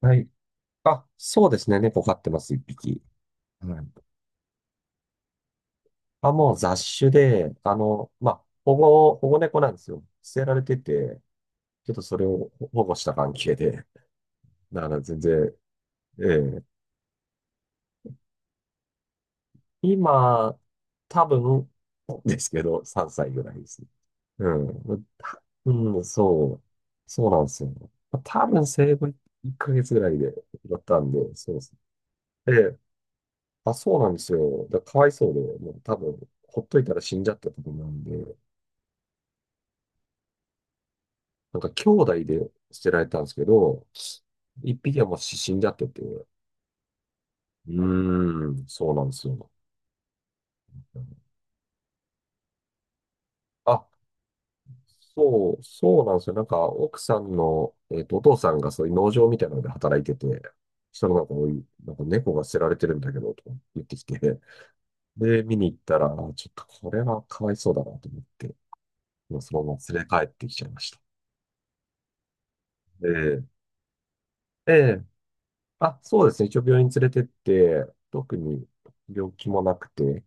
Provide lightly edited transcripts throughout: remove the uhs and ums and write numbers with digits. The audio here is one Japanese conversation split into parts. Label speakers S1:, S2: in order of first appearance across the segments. S1: はい。あ、そうですね。猫飼ってます、一匹。はい。あ、もう雑種で、まあ、保護猫なんですよ。捨てられてて、ちょっとそれを保護した関係で、だから全然、ええ、今、多分、ですけど、3歳ぐらいです。うん。うん、そう。そうなんですよ。多分生後1ヶ月ぐらいで拾ったんで、そうです。ええ、あ、そうなんですよ。だからかわいそうで、もう多分、ほっといたら死んじゃったと思うんで、なんか兄弟で捨てられたんですけど、一匹はもう死んじゃってて、うーん、そうなんですよ。あ、そう、そうなんですよ。なんか、奥さんの、お父さんがそういう農場みたいなので働いてて、そのなんか、おいなんか猫が捨てられてるんだけど、とか言ってきて、で、見に行ったら、あ、ちょっとこれはかわいそうだなと思って、もうそのまま連れ帰ってきちゃいました。ええええ、あ、そうですね。一応病院連れてって、特に病気もなくて、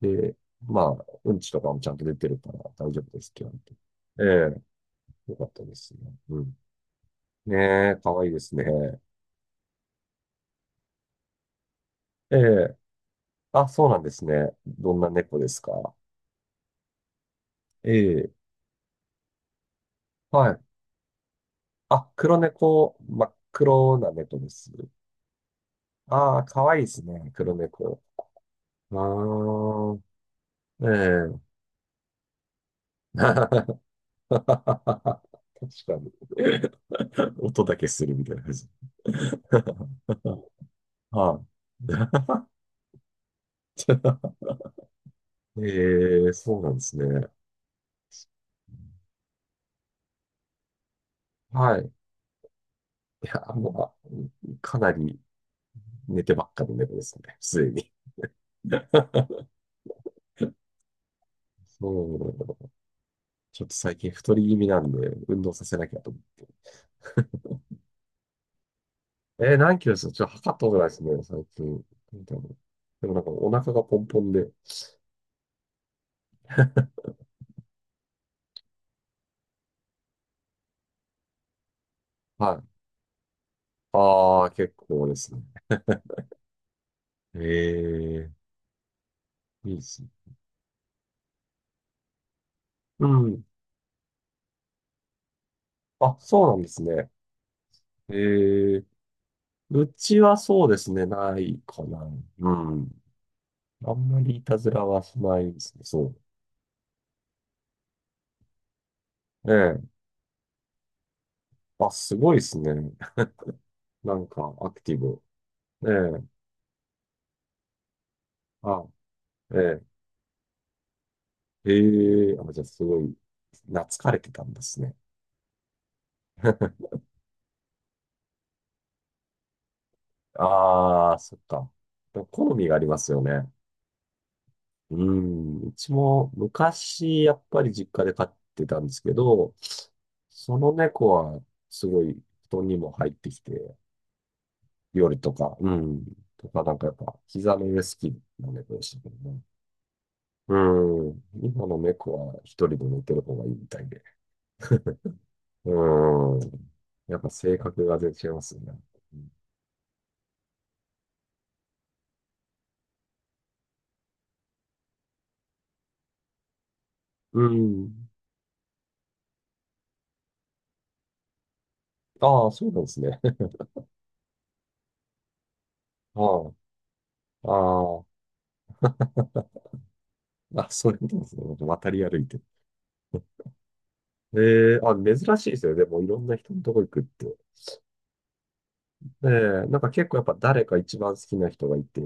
S1: で、まあ、うんちとかもちゃんと出てるから大丈夫ですって言われて。ええ、よかったですね。うん。ねえ、かわいいですね。ええ、あ、そうなんですね。どんな猫ですか？ええ、はい。あ、黒猫、真っ黒な猫です。ああ、かわいいですね。黒猫。ああ、ええ。確かに。音だけするみたいな感じ。はい。ええ、そうなんですね。はい。いや、もう、かなり寝てばっかの猫ですね。すでに。そう。ちょっと最近太り気味なんで、運動させなきゃと思う。何キロですか？ちょっと測ったことないですね、最近。でもでもなんかお腹がポンポンで。はい。ああ、結構ですね。ええ、いいですね。うん。あ、そうなんですね。ええ、うちはそうですね、ないかな。うん。あんまりいたずらはしないですね。そう。ええ。あ、すごいですね。なんか、アクティブ。ええ。あ、ええ。ええ。あ、じゃあ、すごい、懐かれてたんですね。ああ、そっか。でも好みがありますよね。うん。うちも昔、やっぱり実家で飼ってたんですけど、その猫はすごい布団にも入ってきて、夜とか、うん。とか、なんかやっぱ、膝の上好きな猫でしたけどね。うん。今の猫は一人で寝てる方がいいみたいで。うん。やっぱ性格が全然違いますよね。うん。ああ、そうなんですね。ああ、ああ、あ、そういうことですね。渡り歩いて。ええ、あ、珍しいですよね。でも、いろんな人のとこ行くって。ええ、なんか結構やっぱ誰か一番好きな人がいて、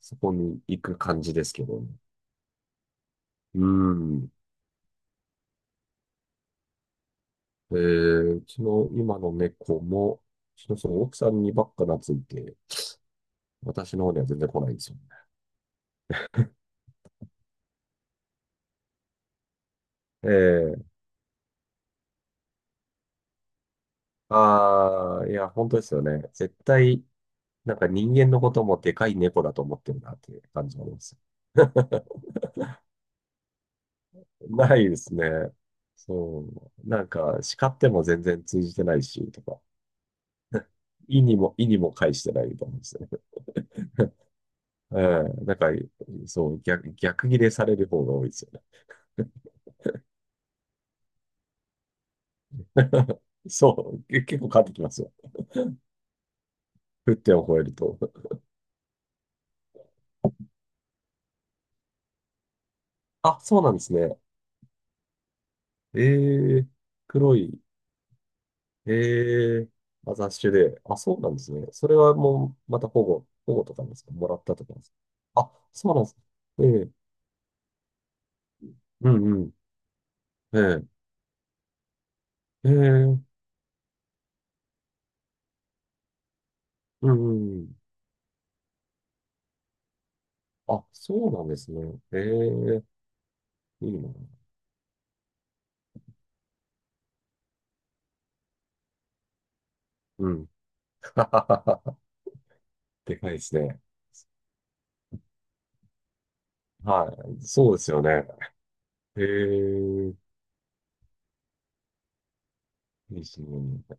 S1: そこに行く感じですけどね。うん。うちの今の猫も、うちのその奥さんにばっか懐いて、私の方には全然来ないんですよね。ええ、ああー、いや、本当ですよね。絶対、なんか人間のこともでかい猫だと思ってるなっていう感じがあります。ないですね。そう。なんか、叱っても全然通じてないし、とか、意にも介してないみたいなんですね。ええ、なんか、そう、逆ギレされる方が多いですよね。そう、結構変わってきますよ。沸点を超えると。あ、そうなんですね。ええ、黒い、ええ、まあ雑種で。あ、そうなんですね。それはもう、また保護とかなんですか？もらったとかなんですか？あ、そうなんです。ええ、うんうん。ええ、ええ、うんうん。あ、そうなんですね。ええ、いいな。うん。でかいですね。はい。そうですよね。ええ、いいですね。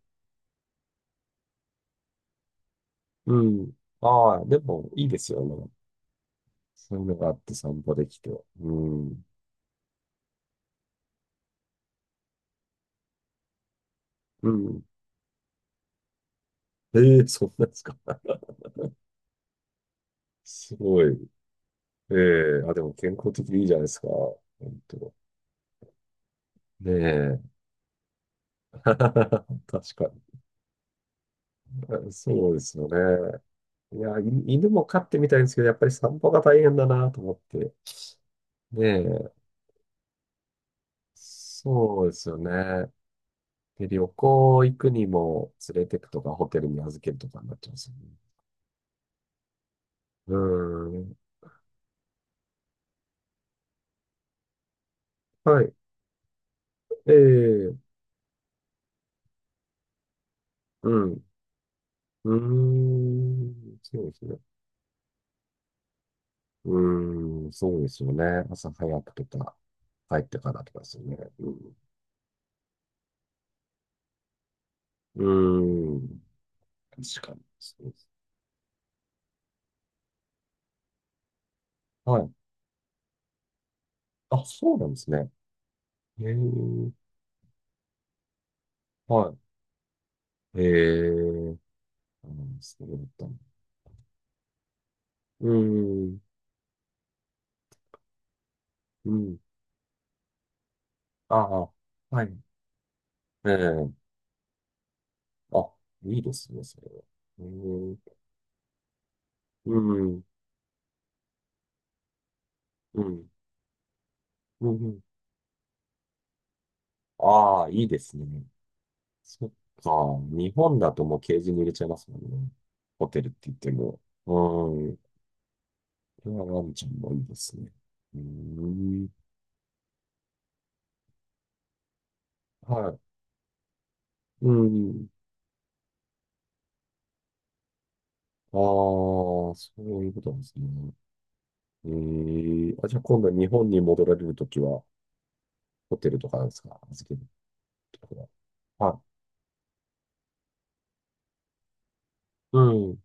S1: うん。ああ、でも、いいですよね。そういうのがあって散歩できて。うん。うん。ええ、そうなんですか？すごい。ええ、あ、でも健康的でいいじゃないですか。本当。ねえ。確かに。あ、そうですよね。いや、犬も飼ってみたいんですけど、やっぱり散歩が大変だなと思って。ねえ。そうですよね。で、旅行行くにも連れてくとか、ホテルに預けるとかになっちゃうんですよね。うーん。はい。ええ、うん。うーん。そうですね。うーん、そうですよね。朝早くとか、帰ってからとかですよね。うん。うーん、確かに。そうです。はい。あ、そうなんですね。へえ、はい。へえ、そうだんたの。うーん、うん。ああ、はい。ええ、あ、いいですね、それは。うーん、うん、うん、うん。ああ、いいですね。そっか。日本だともうケージに入れちゃいますもんね。ホテルって言っても。うそれはワンちゃんもいいですね。うーん。はい。うん。ああ、そういうことなんですね。ええ、あ、じゃあ今度日本に戻られるときは、ホテルとかなんですか？預けるところは。はい。うん。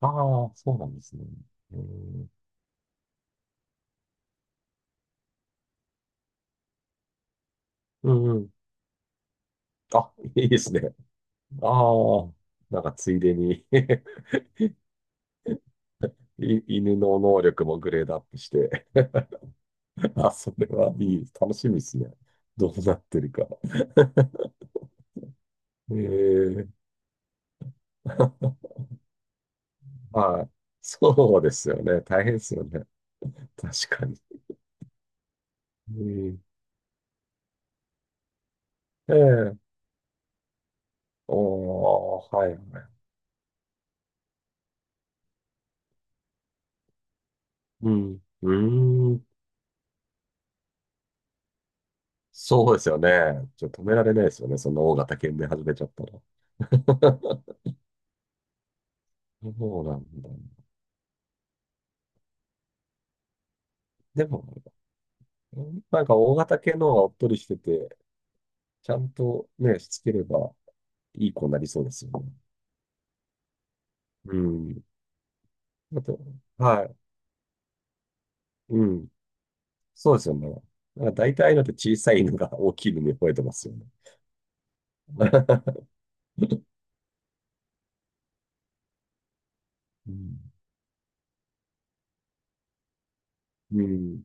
S1: ああ、そうなんですね。うん。うんうん。あ、いいですね。ああ、なんかついでに い犬の能力もグレードアップして あ、それはいい。楽しみですね。どうなってるか。ええ、はい。そうですよね。大変ですよね。確かに。うん。ええ。おー、はいはい。うん。うーん。そうですよね。ちょっと止められないですよね。その大型犬で始めちゃったら。そうなんだ。でも、なんか大型犬の方がおっとりしてて、ちゃんとね、しつければいい子になりそうですよね。うん。あと、はい。うん。そうですよね。なんか大体のって小さい犬が大きい犬に吠えてますよね。うんうん。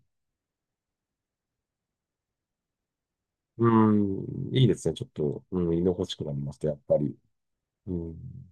S1: うん。いいですね。ちょっと、うん、居心地くなりました、やっぱり。うん。